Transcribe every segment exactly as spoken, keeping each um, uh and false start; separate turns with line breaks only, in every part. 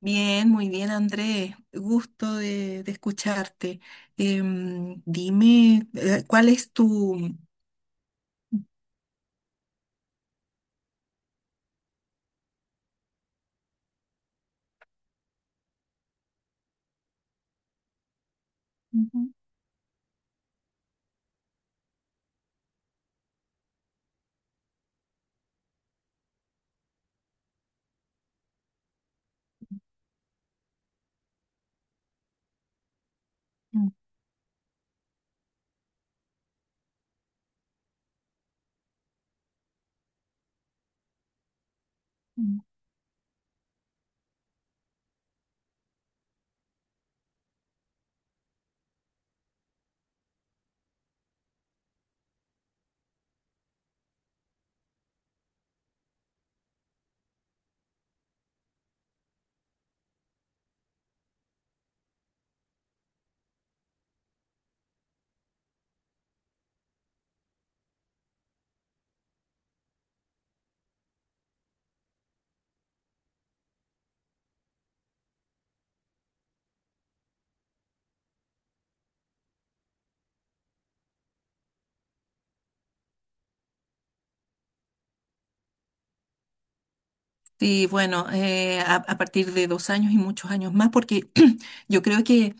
Bien, muy bien, Andrés. Gusto de, de escucharte. Em, dime, eh, ¿cuál es tu... Ujú, ujú. Sí, bueno, eh, a, a partir de dos años y muchos años más, porque yo creo que,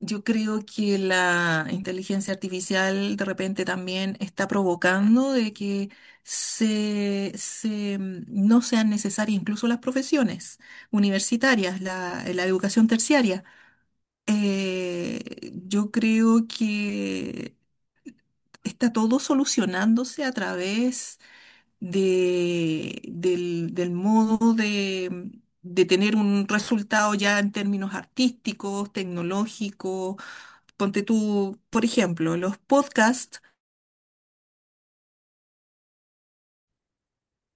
yo creo que la inteligencia artificial de repente también está provocando de que se, se, mm, no sean necesarias incluso las profesiones universitarias, la, la educación terciaria. Eh, yo creo que está todo solucionándose a través de, del, del modo de, de tener un resultado ya en términos artísticos, tecnológicos. Ponte tú, por ejemplo, los podcasts.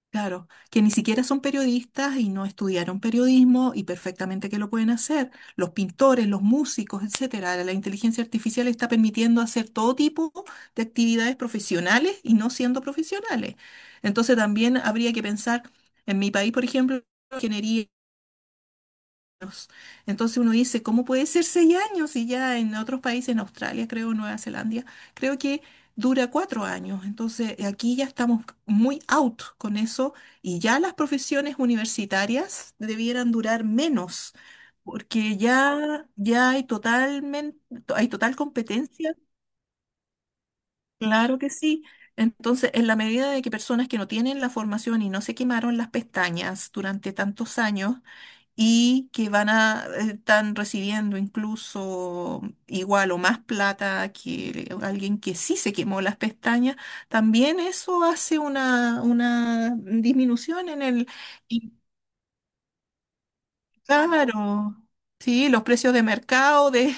Claro, que ni siquiera son periodistas y no estudiaron periodismo y perfectamente que lo pueden hacer. Los pintores, los músicos, etcétera. La inteligencia artificial está permitiendo hacer todo tipo de actividades profesionales y no siendo profesionales. Entonces también habría que pensar en mi país, por ejemplo, ingeniería años. Entonces uno dice, ¿cómo puede ser seis años? Y ya en otros países, en Australia, creo, Nueva Zelanda, creo que dura cuatro años. Entonces aquí ya estamos muy out con eso y ya las profesiones universitarias debieran durar menos, porque ya, ya hay totalmente, hay total competencia, claro que sí. Entonces, en la medida de que personas que no tienen la formación y no se quemaron las pestañas durante tantos años, y que van a, están recibiendo incluso igual o más plata que alguien que sí se quemó las pestañas, también eso hace una, una disminución en el. Claro, sí, los precios de mercado de,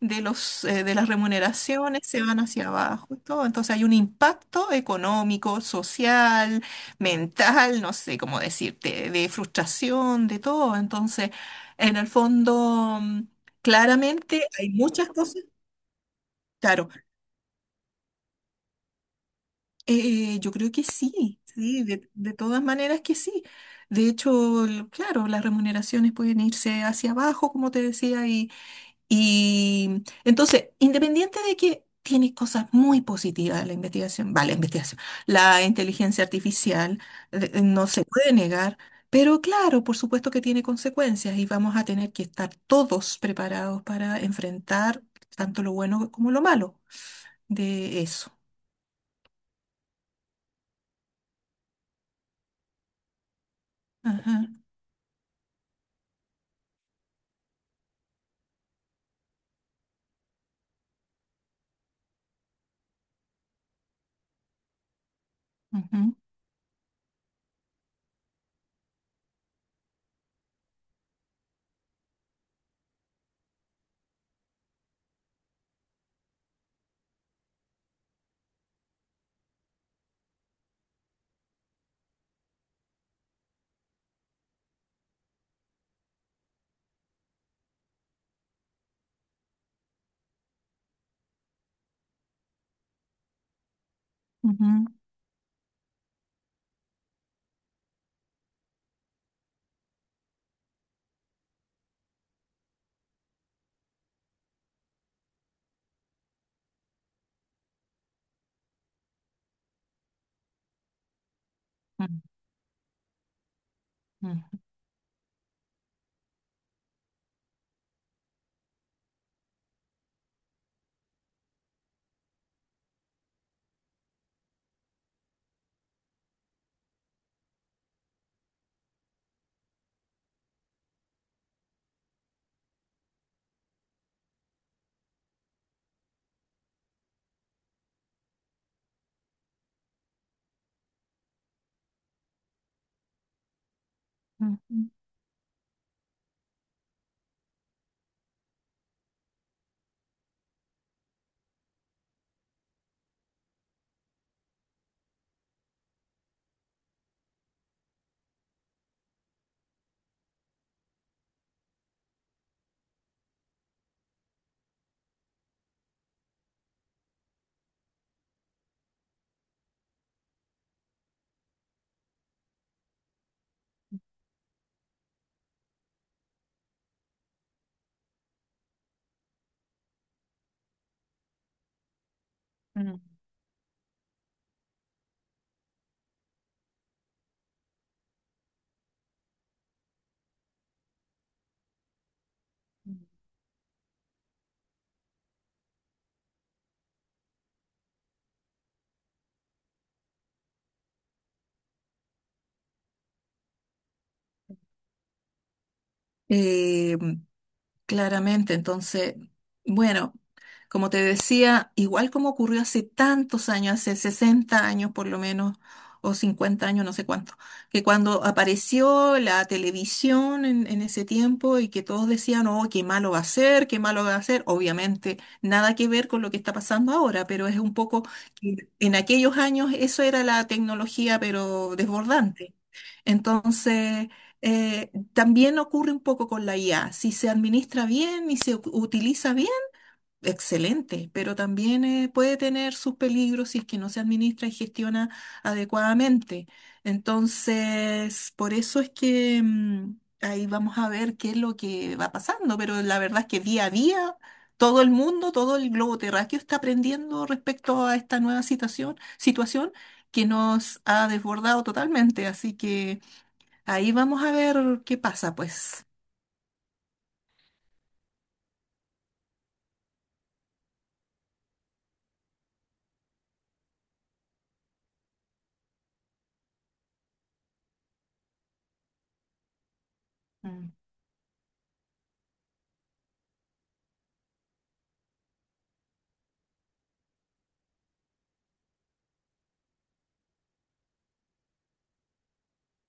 de los, eh, de las remuneraciones se van hacia abajo y todo. Entonces hay un impacto económico, social, mental, no sé cómo decirte, de frustración, de todo. Entonces, en el fondo, mm, claramente hay muchas cosas. Claro, eh, yo creo que sí, sí, de, de todas maneras que sí. De hecho, l- claro, las remuneraciones pueden irse hacia abajo, como te decía. Y entonces, independiente de que tiene cosas muy positivas la investigación, vale, la investigación, la inteligencia artificial eh, eh, no se puede negar, pero claro, por supuesto que tiene consecuencias y vamos a tener que estar todos preparados para enfrentar tanto lo bueno como lo malo de eso. Ajá, ujú, ujú, ujú, ujú, ujú. Em, Claramente, entonces, bueno, como te decía, igual como ocurrió hace tantos años, hace sesenta años por lo menos, o cincuenta años, no sé cuánto, que cuando apareció la televisión en, en ese tiempo y que todos decían, oh, qué malo va a ser, qué malo va a ser, obviamente nada que ver con lo que está pasando ahora, pero es un poco que en aquellos años eso era la tecnología, pero desbordante. Entonces... eh, también ocurre un poco con la I A. Si se administra bien y se u- utiliza bien, excelente, pero también eh, puede tener sus peligros si es que no se administra y gestiona adecuadamente. Entonces, por eso es que mm, ahí vamos a ver qué es lo que va pasando, pero la verdad es que día a día todo el mundo, todo el globo terráqueo está aprendiendo respecto a esta nueva situación, situación que nos ha desbordado totalmente, así que... ahí vamos a ver qué pasa, pues. Mm,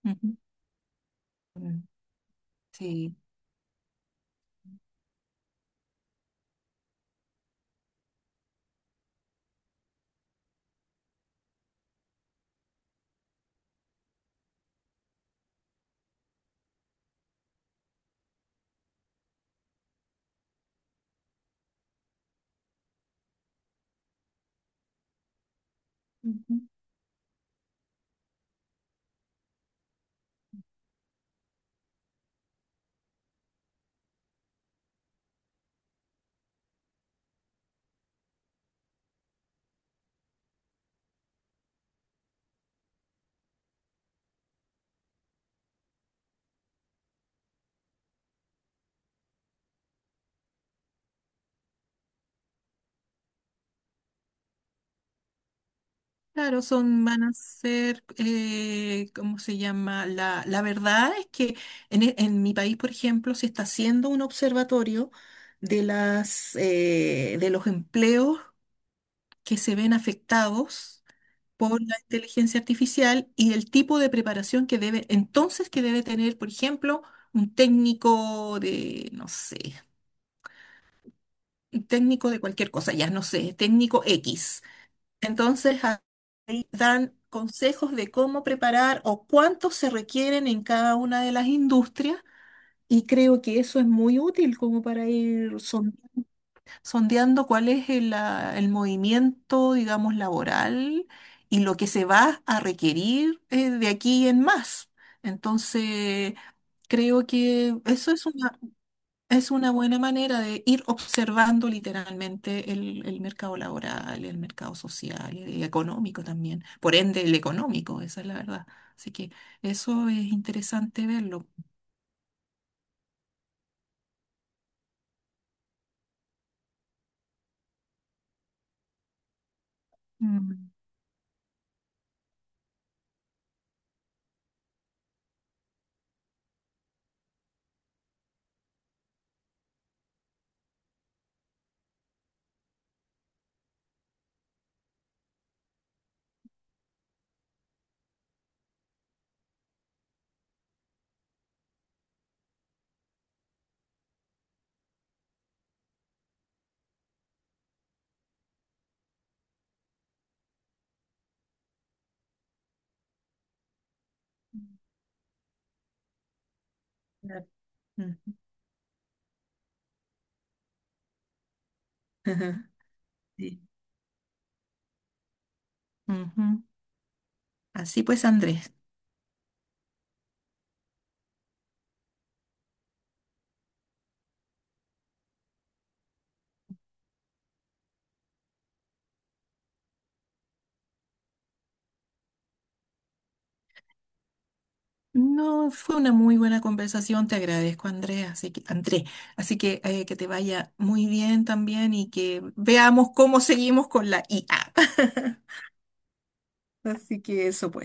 ujú, mm. Sí. Mm. Claro, son, van a ser, eh, ¿cómo se llama? La, la verdad es que en, e- en mi país, por ejemplo, se está haciendo un observatorio de las, eh, de los empleos que se ven afectados por la inteligencia artificial y el tipo de preparación que debe, entonces que debe tener, por ejemplo, un técnico de, no sé, un técnico de cualquier cosa, ya no sé, técnico X. Entonces, ahí dan consejos de cómo preparar o cuántos se requieren en cada una de las industrias y creo que eso es muy útil como para ir son- sondeando cuál es el, ah, el movimiento, digamos, laboral y lo que se va a requerir eh, de aquí en más. Entonces, creo que eso es una, es una buena manera de ir observando literalmente el, el mercado laboral, el mercado social, el económico también, por ende el económico, esa es la verdad. Así que eso es interesante verlo. Mm. Claro. Mm. Ajá. Sí. Ujú. Así pues, Andrés. No, fue una muy buena conversación, te agradezco, Andrés, así que, Andrés, así que eh, que te vaya muy bien también y que veamos cómo seguimos con la I A. Así que eso pues.